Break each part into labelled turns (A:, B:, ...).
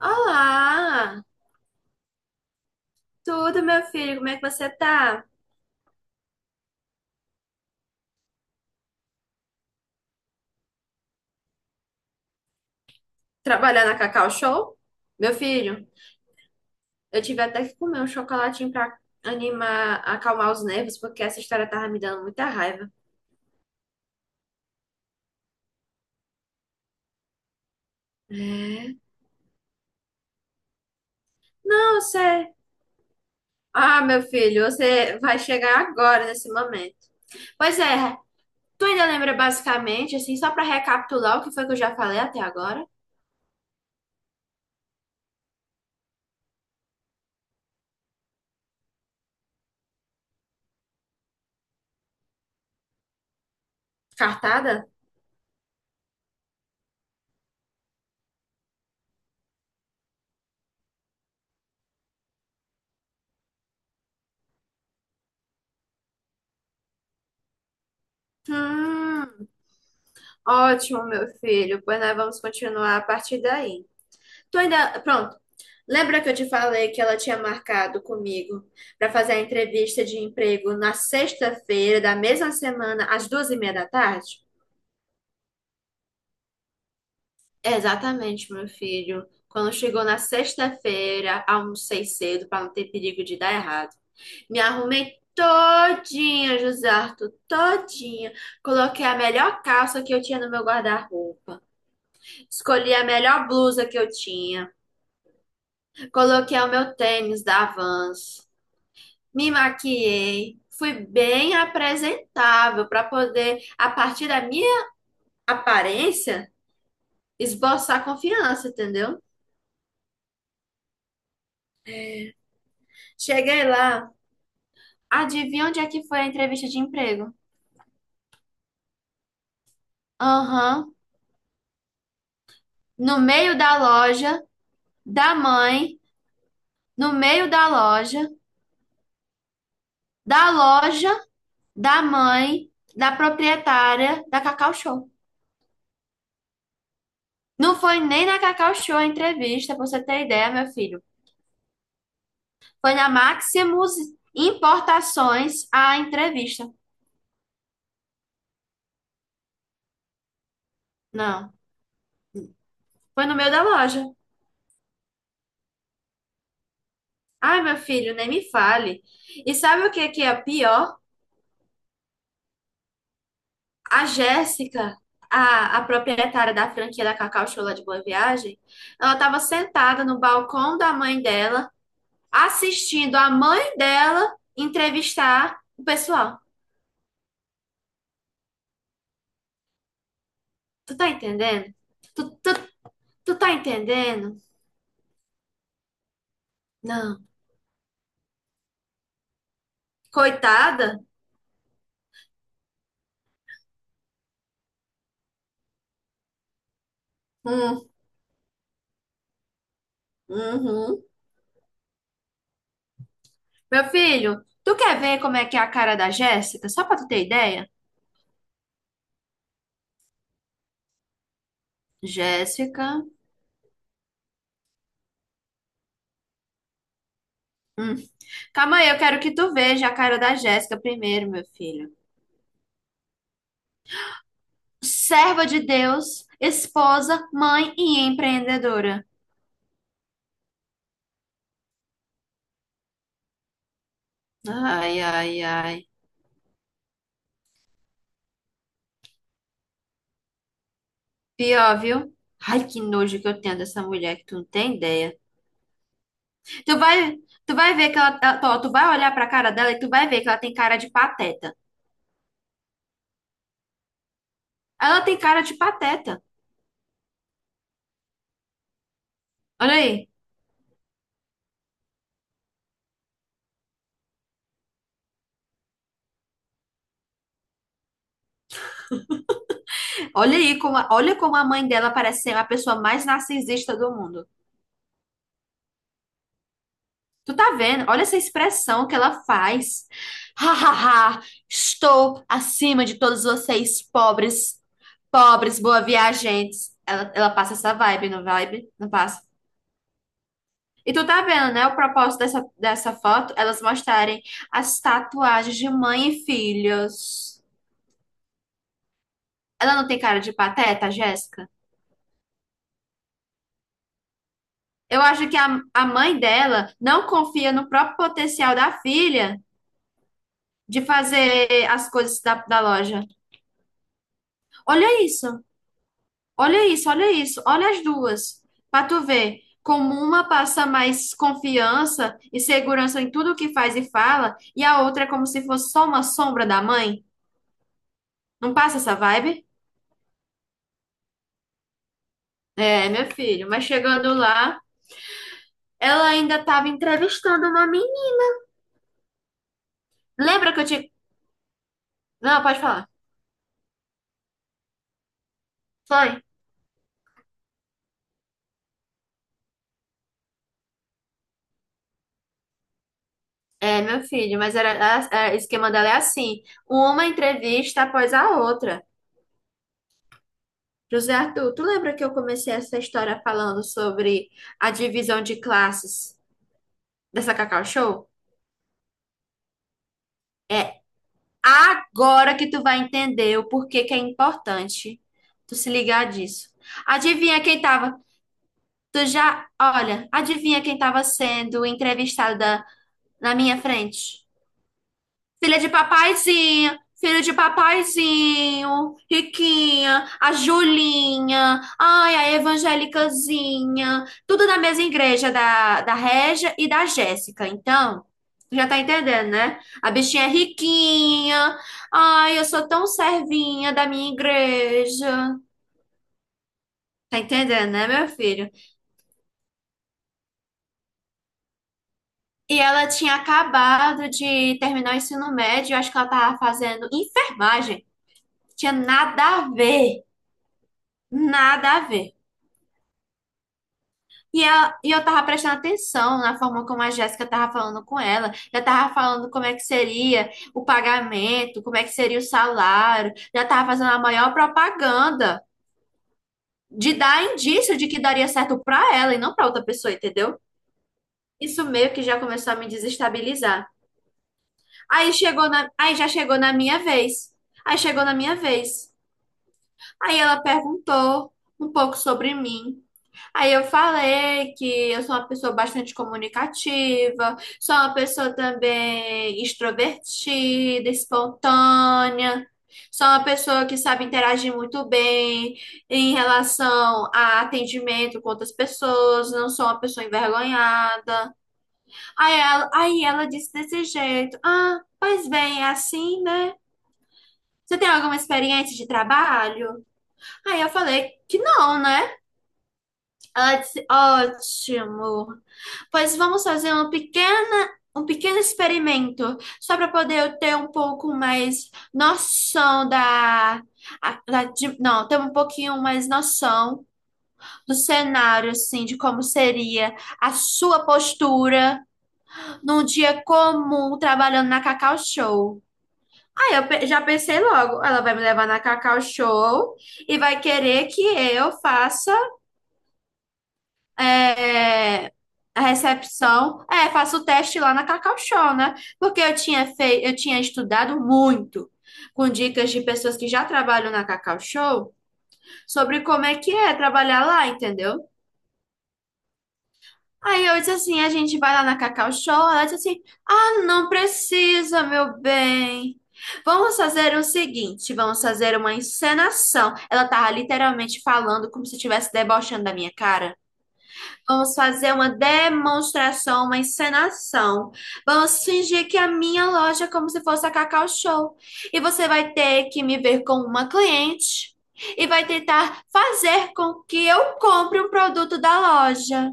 A: Olá! Tudo, meu filho? Como é que você tá? Trabalhar na Cacau Show? Meu filho, eu tive até que comer um chocolatinho pra animar, acalmar os nervos, porque essa história tava me dando muita raiva. É? Não, você... Ah, meu filho, você vai chegar agora nesse momento. Pois é, tu ainda lembra basicamente, assim, só pra recapitular o que foi que eu já falei até agora? Cartada? Hum, Ótimo, meu filho. Pois nós vamos continuar a partir daí. Tu ainda. Pronto. Lembra que eu te falei que ela tinha marcado comigo para fazer a entrevista de emprego na sexta-feira da mesma semana, às 2h30 da tarde? Exatamente, meu filho. Quando chegou na sexta-feira, almocei cedo para não ter perigo de dar errado. Me arrumei todinha, José Arthur, todinha. Coloquei a melhor calça que eu tinha no meu guarda-roupa. Escolhi a melhor blusa que eu tinha. Coloquei o meu tênis da Vans. Me maquiei, fui bem apresentável para poder, a partir da minha aparência, esboçar confiança, entendeu? Cheguei lá, adivinha onde é que foi a entrevista de emprego? Aham, no meio da loja, da mãe, no meio da loja, da loja, da mãe, da proprietária da Cacau Show. Não foi nem na Cacau Show a entrevista, pra você ter ideia, meu filho. Foi na Maximus Importações a entrevista. Não, foi no meio da loja. Ai, meu filho, nem me fale. E sabe o que que é pior? A Jéssica, a proprietária da franquia da Cacau Show lá de Boa Viagem, ela estava sentada no balcão da mãe dela, assistindo a mãe dela entrevistar o pessoal. Tu tá entendendo? Tu, tu, tu tá entendendo? Não. Coitada? Hum, uhum. Meu filho, tu quer ver como é que é a cara da Jéssica? Só pra tu ter ideia? Jéssica. Hum. Calma aí, eu quero que tu veja a cara da Jéssica primeiro, meu filho. Serva de Deus, esposa, mãe e empreendedora. Ai, ai, ai. Pior, viu? Ai, que nojo que eu tenho dessa mulher que tu não tem ideia. Tu vai, tu vai ver que ó, tu vai olhar pra cara dela e tu vai ver que ela tem cara de pateta. Ela tem cara de pateta. Olha aí. Olha aí como, olha como a mãe dela parece ser a pessoa mais narcisista do mundo. Tu tá vendo? Olha essa expressão que ela faz. Ha, ha, ha. Estou acima de todos vocês, pobres, pobres, boa viajantes. Ela passa essa vibe? Não passa. E tu tá vendo, né? O propósito dessa foto, elas mostrarem as tatuagens de mãe e filhos. Ela não tem cara de pateta, Jéssica? Eu acho que a mãe dela não confia no próprio potencial da filha de fazer as coisas da loja. Olha isso, olha isso, olha isso, olha as duas, para tu ver como uma passa mais confiança e segurança em tudo que faz e fala, e a outra é como se fosse só uma sombra da mãe. Não passa essa vibe? É, meu filho, mas chegando lá, ela ainda estava entrevistando uma menina. Lembra que eu te. Não, pode falar. Foi. É, meu filho, mas era, o esquema dela é assim: uma entrevista após a outra. José Arthur, tu lembra que eu comecei essa história falando sobre a divisão de classes dessa Cacau Show? Agora que tu vai entender o porquê que é importante tu se ligar disso. Adivinha quem tava? Tu já, olha, adivinha quem tava sendo entrevistada na minha frente? Filha de papaizinho, filho de papaizinho, Riquinha, a Julinha, ai, a evangélicazinha, tudo da mesma igreja da Régia e da Jéssica. Então, já tá entendendo, né? A bichinha é riquinha, ai, eu sou tão servinha da minha igreja. Tá entendendo, né, meu filho? E ela tinha acabado de terminar o ensino médio, eu acho que ela tava fazendo enfermagem, tinha nada a ver. Nada a ver. E eu tava prestando atenção na forma como a Jéssica tava falando com ela. Já tava falando como é que seria o pagamento, como é que seria o salário. Já tava fazendo a maior propaganda de dar indício de que daria certo pra ela e não pra outra pessoa, entendeu? Isso meio que já começou a me desestabilizar. Aí já chegou na minha vez. Aí chegou na minha vez. Aí ela perguntou um pouco sobre mim. Aí eu falei que eu sou uma pessoa bastante comunicativa, sou uma pessoa também extrovertida, espontânea, sou uma pessoa que sabe interagir muito bem em relação a atendimento com outras pessoas, não sou uma pessoa envergonhada. Aí ela disse desse jeito: Ah, pois bem, é assim, né? Você tem alguma experiência de trabalho? Aí eu falei que não, né? Ela disse, ótimo. Pois vamos fazer um pequeno experimento, só para poder eu ter um pouco mais noção da, não, ter um pouquinho mais noção do cenário, assim, de como seria a sua postura num dia comum trabalhando na Cacau Show. Aí eu já pensei logo, ela vai me levar na Cacau Show e vai querer que eu faça é, a recepção. É, faço o teste lá na Cacau Show, né? Porque eu tinha feito, eu tinha estudado muito com dicas de pessoas que já trabalham na Cacau Show sobre como é que é trabalhar lá, entendeu? Aí eu disse assim, a gente vai lá na Cacau Show, ela disse assim, ah, não precisa, meu bem. Vamos fazer o seguinte, vamos fazer uma encenação. Ela tava literalmente falando como se estivesse debochando da minha cara. Vamos fazer uma demonstração, uma encenação. Vamos fingir que a minha loja é como se fosse a Cacau Show. E você vai ter que me ver como uma cliente e vai tentar fazer com que eu compre um produto da loja.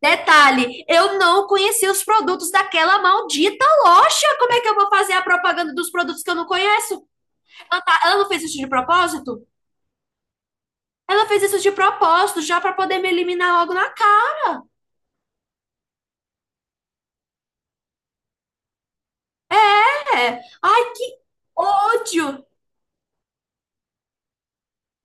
A: Detalhe, eu não conheci os produtos daquela maldita loja. Como é que eu vou fazer a propaganda dos produtos que eu não conheço? Ela não fez isso de propósito? Ela fez isso de propósito, já para poder me eliminar logo na É. Ai, que ódio,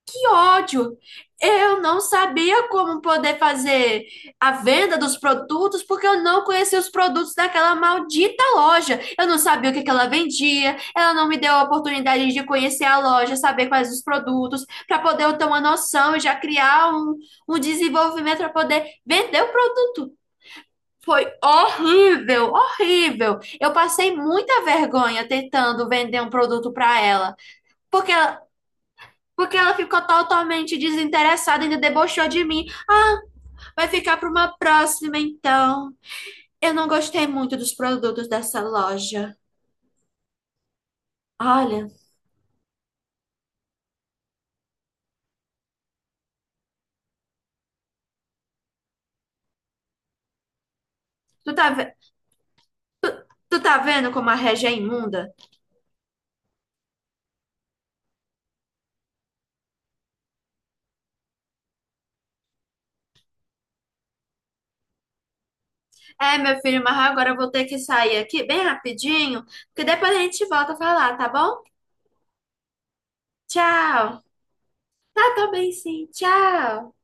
A: que ódio. Eu não sabia como poder fazer a venda dos produtos porque eu não conhecia os produtos daquela maldita loja. Eu não sabia o que que ela vendia. Ela não me deu a oportunidade de conhecer a loja, saber quais os produtos, para poder eu ter uma noção e já criar um, um desenvolvimento para poder vender o produto. Foi horrível, horrível. Eu passei muita vergonha tentando vender um produto para ela. Porque ela- Porque ela ficou totalmente desinteressada, ainda debochou de mim. Ah, vai ficar para uma próxima então. Eu não gostei muito dos produtos dessa loja. Olha, tu tá, ve- tu tá vendo como a Regia é imunda? É, meu filho, mas agora eu vou ter que sair aqui bem rapidinho, porque depois a gente volta a falar, tá bom? Tchau. Tá, tô bem sim. Tchau.